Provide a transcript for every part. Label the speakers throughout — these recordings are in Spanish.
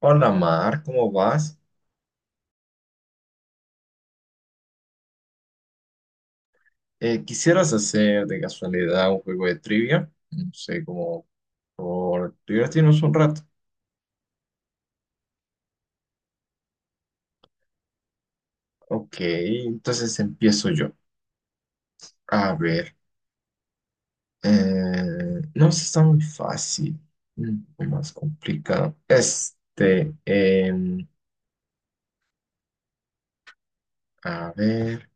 Speaker 1: Hola Mar, ¿cómo vas? ¿Quisieras hacer de casualidad un juego de trivia? No sé, como por divertirnos un rato. Ok, entonces empiezo yo. A ver, no, esta está muy fácil, un poco más complicado. A ver.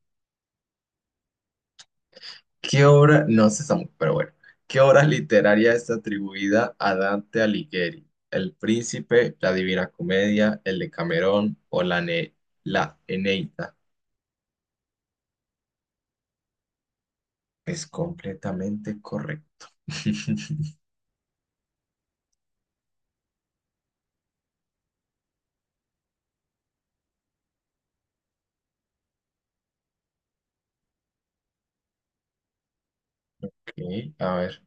Speaker 1: ¿Qué obra, no sé, Samu, pero bueno, qué obra literaria está atribuida a Dante Alighieri? ¿El Príncipe, la Divina Comedia, el Decamerón o la, la Eneida? Es completamente correcto. Ok, a ver.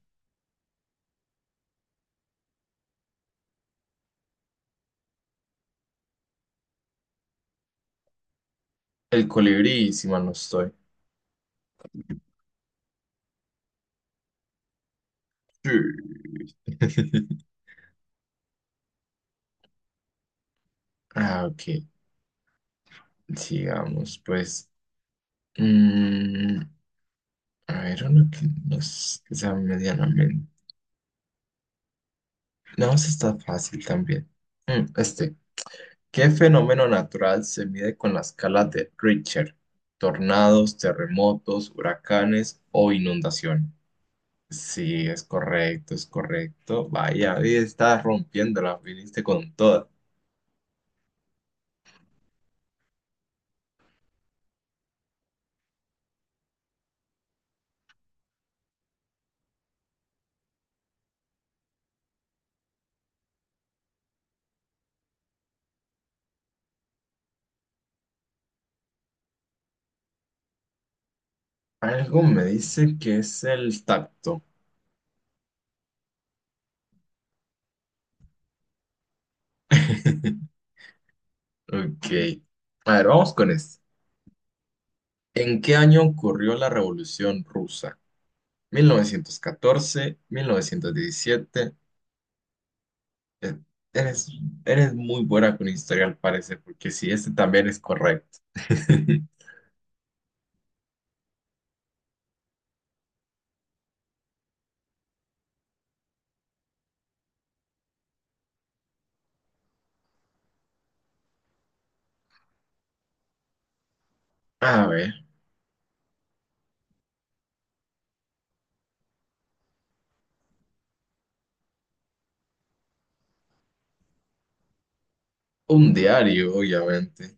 Speaker 1: El colibrí, si mal no estoy. Sí. Ah, ok. Sigamos, pues. Mm, a ver, uno que nos sea medianamente. No, eso está fácil también. Mm, Este, ¿qué fenómeno natural se mide con la escala de Richter? ¿Tornados, terremotos, huracanes o inundación? Sí, es correcto, es correcto. Vaya, hoy está rompiéndola, viniste con toda. Algo me dice que es el tacto. Ok. A ver, vamos con esto. ¿En qué año ocurrió la Revolución Rusa? Mil novecientos catorce, 1917. Eh, Eres, eres muy buena con historia al parecer, porque sí, este también es correcto. A ver, un diario, obviamente.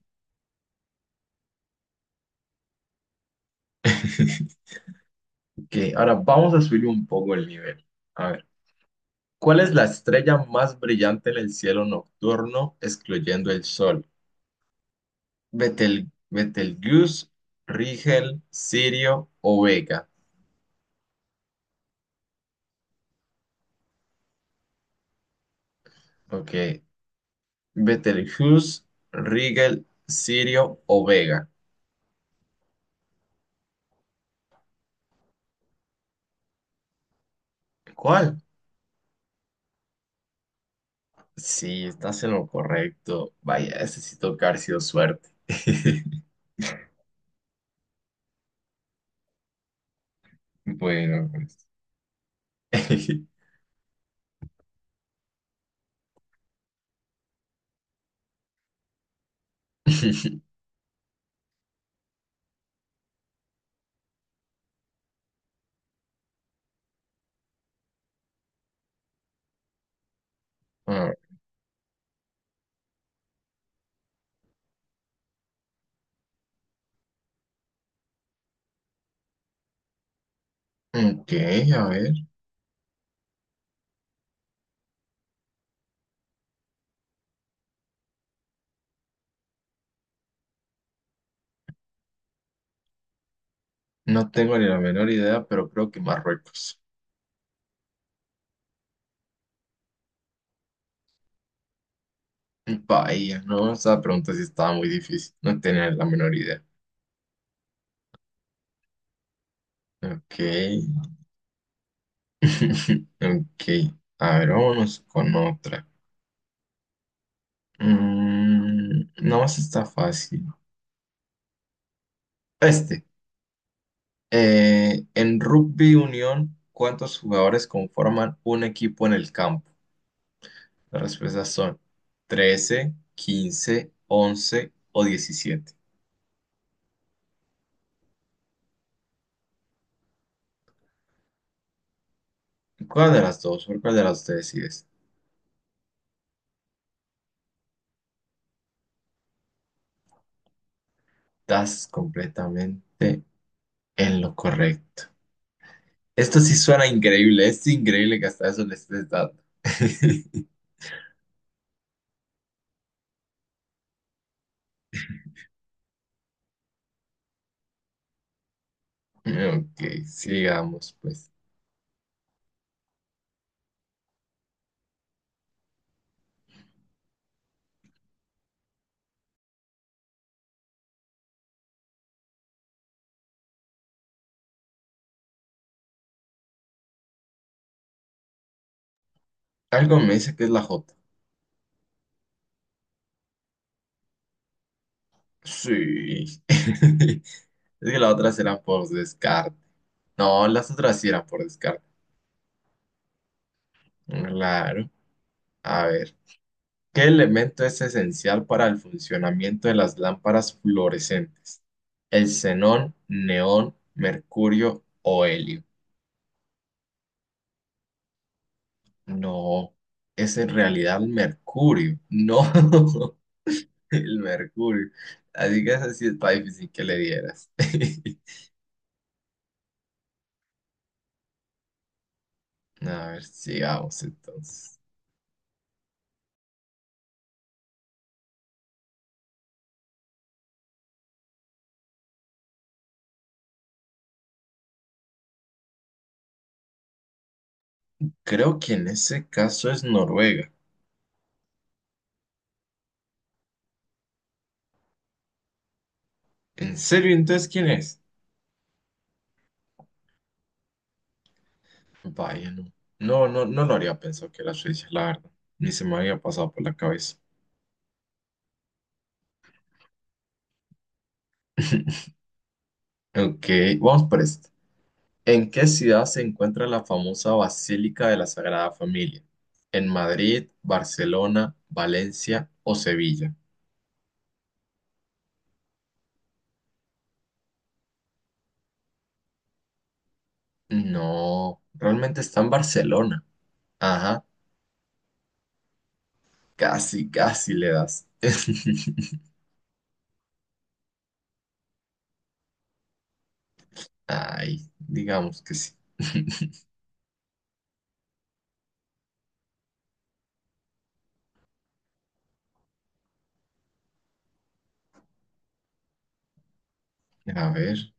Speaker 1: Ok, ahora vamos a subir un poco el nivel. A ver, ¿cuál es la estrella más brillante en el cielo nocturno, excluyendo el sol? Betelgeuse, Rigel, Sirio o Vega. Ok, Betelgeuse, Rigel, Sirio o Vega. ¿Cuál? Sí, estás en lo correcto. Vaya, ese sí toca haber sido suerte. Bueno, pues. Ah, ok, a ver. No tengo ni la menor idea, pero creo que Marruecos. Vaya, no, esa pregunta sí estaba muy difícil. No tenía la menor idea. Ok. Ok. A ver, vámonos con otra. No, esta está fácil. Este. En rugby unión, ¿cuántos jugadores conforman un equipo en el campo? Las respuestas son 13, 15, 11 o 17. ¿Cuál de las dos? ¿Por cuál de las dos te decides? Estás completamente en lo correcto. Esto sí suena increíble. Es increíble que hasta eso le estés dando. Ok, sigamos pues. Algo me dice que es la J. Sí. Es que la otra será por descarte. No, las otras sí eran por descarte. Claro. A ver, ¿qué elemento es esencial para el funcionamiento de las lámparas fluorescentes? ¿El xenón, neón, mercurio o helio? No, es en realidad el mercurio. No, el mercurio. Así que esa sí está difícil que le dieras. A ver, sigamos entonces. Creo que en ese caso es Noruega. ¿En serio entonces quién es? Vaya, no. No, no, no lo habría pensado que era Suiza, la verdad. Ni se me había pasado por la cabeza. Ok, vamos por esto. ¿En qué ciudad se encuentra la famosa Basílica de la Sagrada Familia? ¿En Madrid, Barcelona, Valencia o Sevilla? No, realmente está en Barcelona. Ajá, casi, casi le das. Ay, digamos que sí. A ver,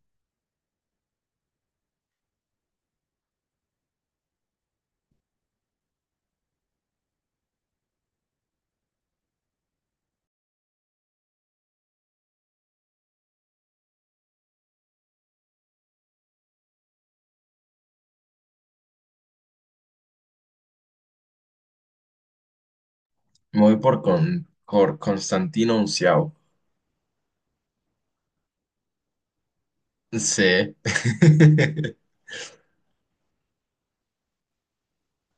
Speaker 1: me voy por Constantino XI. Sí.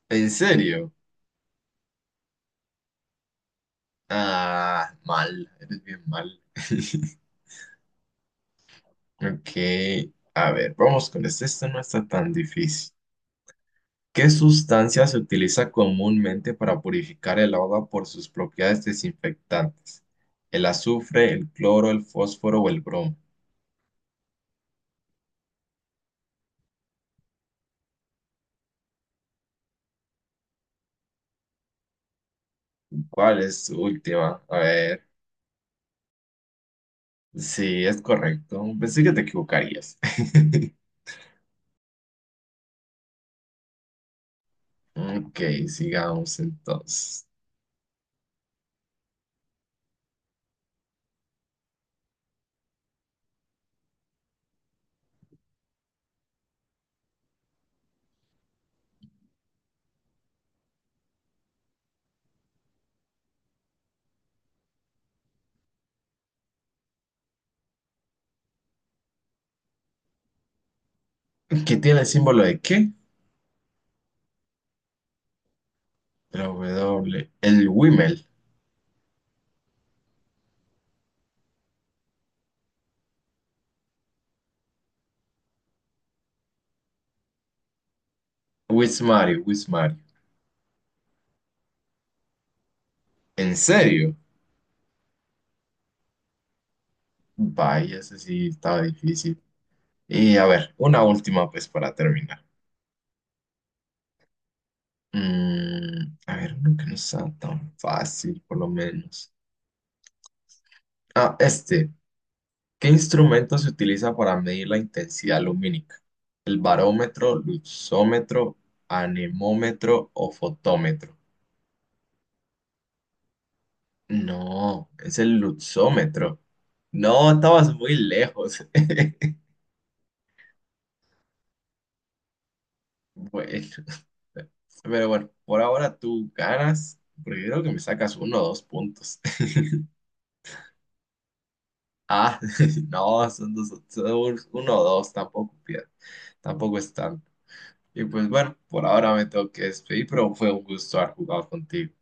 Speaker 1: ¿En serio? Ah, mal. Eres bien mal. Ok. A ver, vamos con este. Este no está tan difícil. ¿Qué sustancia se utiliza comúnmente para purificar el agua por sus propiedades desinfectantes? ¿El azufre, el cloro, el fósforo o el bromo? ¿Cuál es su última? A ver. Sí, es correcto. Pensé que te equivocarías. Ok, sigamos entonces. ¿Qué tiene el símbolo de qué? La W. El Wimel. Wismario, Wismario. ¿En serio? Vaya, ese sí estaba difícil. Y a ver, una última pues para terminar. A ver, uno que no sea tan fácil, por lo menos. Ah, ¿Qué instrumento se utiliza para medir la intensidad lumínica? ¿El barómetro, luxómetro, anemómetro o fotómetro? No, es el luxómetro. No, estabas muy lejos. Bueno, pero bueno, por ahora tú ganas, porque creo que me sacas uno o dos puntos. Ah, no, son dos, son uno o dos, tampoco, tampoco es tanto. Y pues bueno, por ahora me tengo que despedir, pero fue un gusto haber jugado contigo.